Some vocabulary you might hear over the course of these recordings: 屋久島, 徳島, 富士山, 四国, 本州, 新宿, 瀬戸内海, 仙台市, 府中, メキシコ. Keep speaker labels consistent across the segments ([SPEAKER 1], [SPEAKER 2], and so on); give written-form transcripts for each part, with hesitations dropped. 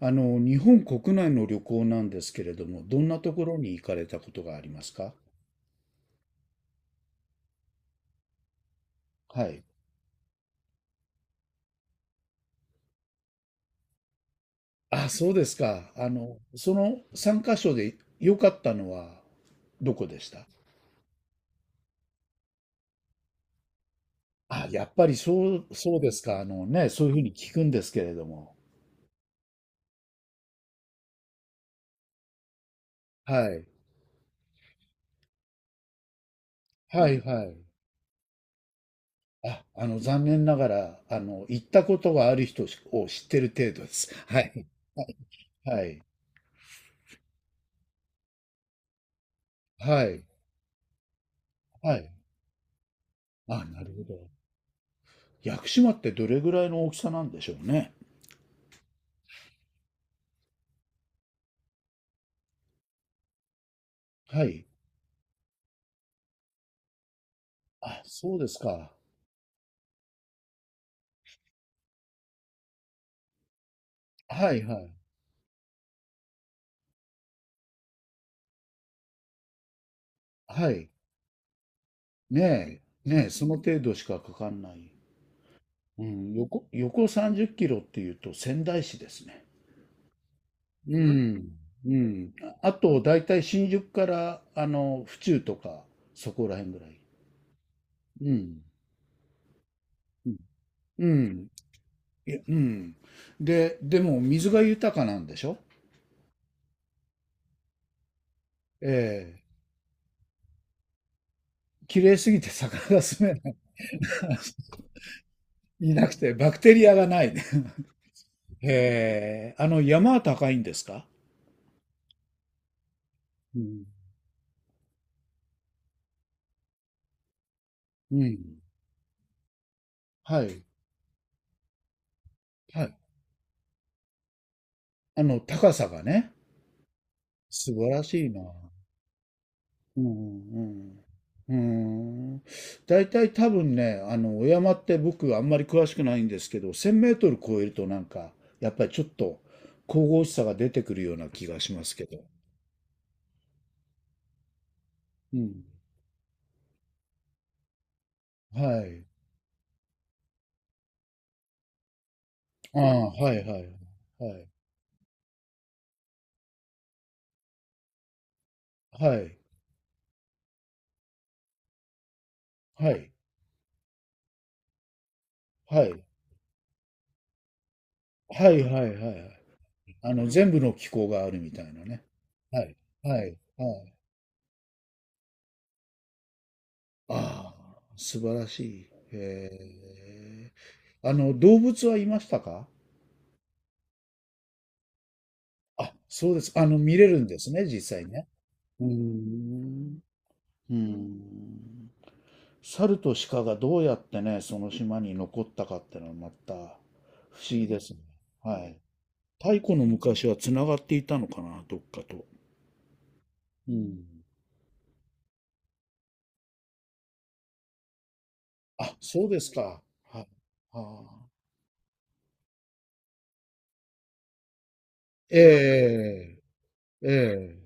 [SPEAKER 1] あの、日本国内の旅行なんですけれども、どんなところに行かれたことがありますか？はい。あ、そうですか。あの、その3カ所で良かったのはどこでした？あ、やっぱりそうですか。あのね、そういうふうに聞くんですけれども。はい。はいはい。あ、あの、残念ながら、あの、行ったことがある人を知ってる程度です。はい。はい。はい。はい。あ、なるほど。屋久島ってどれぐらいの大きさなんでしょうね。はい。あ、そうですか。はいはい。はい。ねねえ、その程度しかかかんない。うん、横30キロっていうと仙台市ですね。うん、うん。ああと、だいたい新宿から、あの、府中とか、そこら辺ぐらい。うん。うん。うんいやうん。でも、水が豊かなんでしょ？ええ。綺麗すぎて魚が住めない。いなくて、バクテリアがないね。へえ。あの、山は高いんですか？うん。うん。はい。はい。あの、高さがね、素晴らしいな。うんうんうん。うん。大体多分ね、あの、お山って僕あんまり詳しくないんですけど、1000メートル超えるとなんか、やっぱりちょっと神々しさが出てくるような気がしますけど。うん。はい。ああ、はいはい。はい。はい。はい。はい。はいはいはいはい。あの、全部の気候があるみたいなね。はい。はい。はい。ああ、素晴らしい。へえ。あの、動物はいましたか？あ、そうです。あの、見れるんですね、実際ね。うーん。うーん。猿と鹿がどうやってね、その島に残ったかってのはまた不思議ですね。はい。太古の昔はつながっていたのかな、どっかと。うん。あ、そうですか。はい。ああ。ええ、ええ。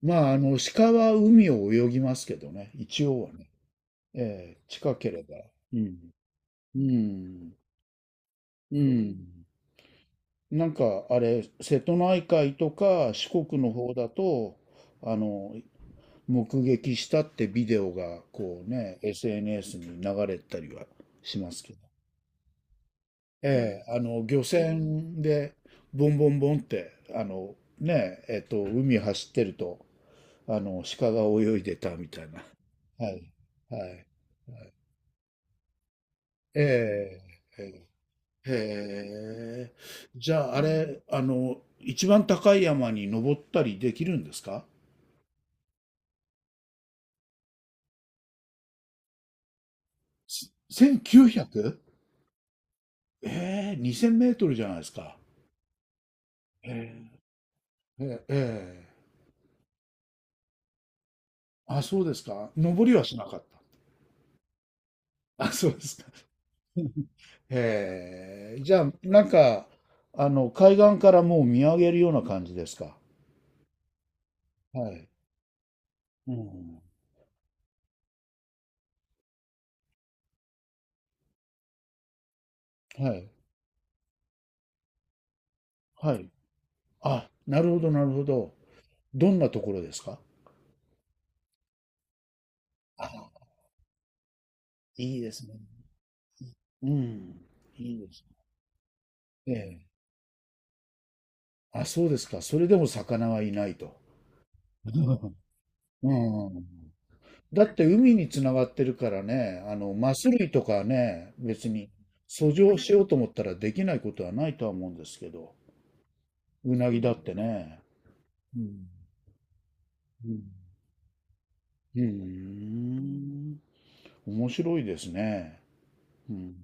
[SPEAKER 1] まあ、あの、鹿は海を泳ぎますけどね、一応はね。ええ、近ければ。うん。うん。うん。なんか、あれ、瀬戸内海とか四国の方だと、あの、目撃したってビデオが、こうね、SNS に流れたりはしますけど。ええ、あの、漁船で、ボンボンボンって、あの、ね、海走ってると、あの、鹿が泳いでたみたいな。はい。はい。ええ、ええ、へえ。じゃあ、あれ、あの、一番高い山に登ったりできるんですか？す ?1900? ええ、2000メートルじゃないですか。ええ、ええ、ええ。あ、そうですか。登りはしなかった。あ、そうですか。ええ、じゃあ、なんか、あの、海岸からもう見上げるような感じですか。はい。うん。はい。はい。あ、なるほど、なるほど。どんなところですか？いいですね。うん。いいです。ええ。あ、そうですか。それでも魚はいないと。うん。だって海につながってるからね、あの、マス類とかね、別に遡上しようと思ったらできないことはないとは思うんですけど、うなぎだってね。うん。うん。うん。面白いですね。うん。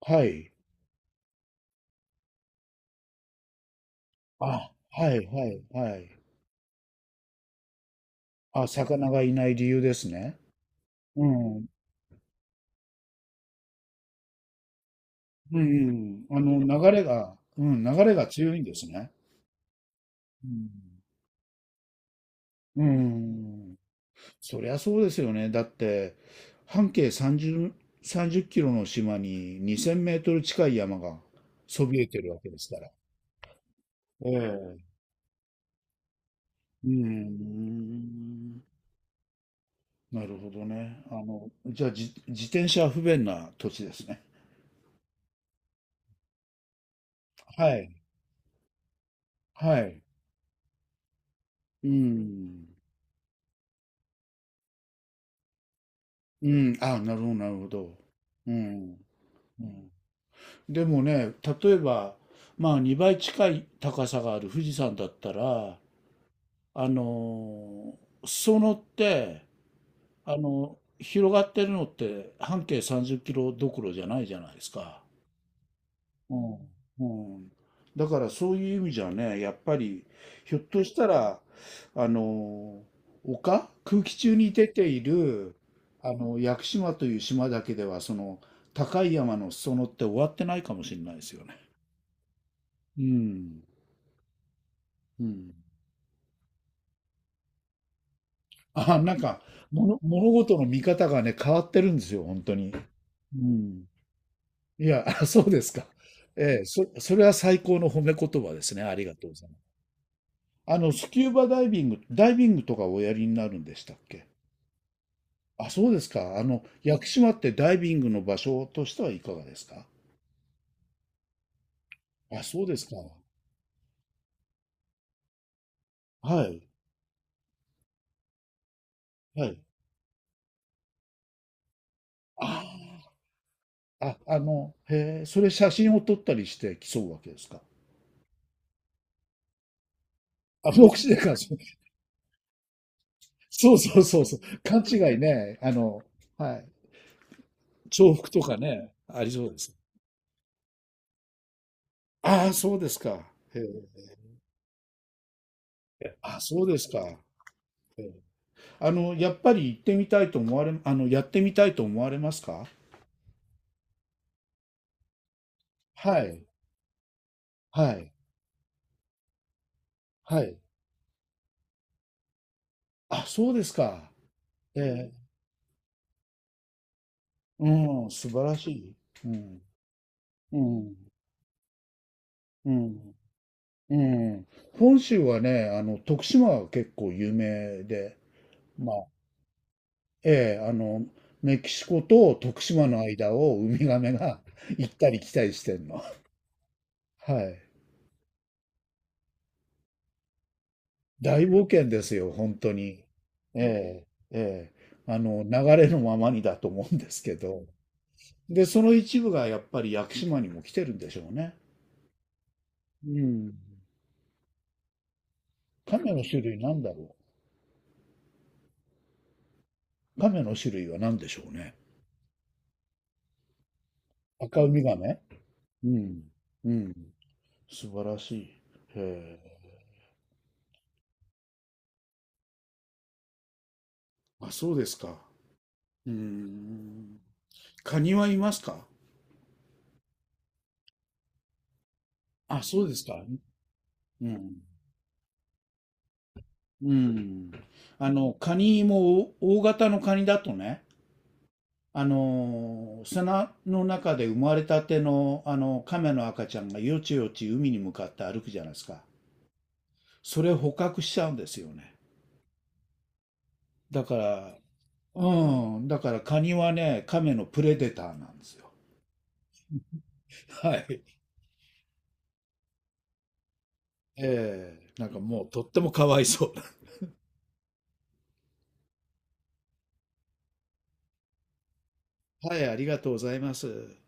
[SPEAKER 1] はい。あ、はいはいはい。あ、魚がいない理由ですね。うん。うん、あの、流れが、うん、流れが強いんですね。うん、うん。そりゃそうですよね。だって、半径30キロの島に2000メートル近い山がそびえてるわけですから。ええ、うん、なるほどね。あの、じゃあ、自転車は不便な土地ですね。はい、はい。うん、うん、あ、なるほど、なるほど。うん、うん。でもね、例えば、まあ2倍近い高さがある富士山だったら、あの裾野って、あの広がってるのって半径30キロどころじゃないじゃないですか。うん。うん。だからそういう意味じゃね、やっぱり、ひょっとしたら、あの丘、空気中に出ている、あの、屋久島という島だけでは、その、高い山の裾野って終わってないかもしれないですよね。うん。うん。あ、なんか、物事の見方がね、変わってるんですよ、本当に。うん。いや、あ、そうですか。ええ、それは最高の褒め言葉ですね。ありがとうございます。あの、スキューバダイビング、ダイビングとかおやりになるんでしたっけ？あ、そうですか。あの、屋久島ってダイビングの場所としてはいかがですか？あ、そうですか。はい。はい。ああ、あ、あの、へえ、それ写真を撮ったりして競うわけですか？あ、目視でか。そうそうそうそう。勘違いね。あの、はい。重複とかね、ありそうです。ああ、そうですか。へえ。あ、そうですか。へえ。あの、やっぱり行ってみたいと思われ、あの、やってみたいと思われますか？はい。はい。はい。あ、そうですか。ええ。うん、素晴らしい。うん。うん。うん。うん。本州はね、あの、徳島は結構有名で、ええ、あの、メキシコと徳島の間をウミガメが 行ったり来たりしてんの。はい。大冒険ですよ、本当に。ええ、ええ。あの、流れのままにだと思うんですけど。で、その一部がやっぱり屋久島にも来てるんでしょうね。うん。亀の種類なんだろう。亀の種類は何でしょうね。赤ウミガメ。うん。うん。素晴らしい。へえ。あ、そうですか。うーん。カニはいますか？あ、そうですか。うん。うん。あの、カニも大大型のカニだとね、あの砂の中で生まれたての、あの、亀の赤ちゃんがよちよち海に向かって歩くじゃないですか。それを捕獲しちゃうんですよね。だから、うん。だからカニはね、亀のプレデターなんですよ。はい。ええ。なんかもうとってもかわいそう。はい、ありがとうございます。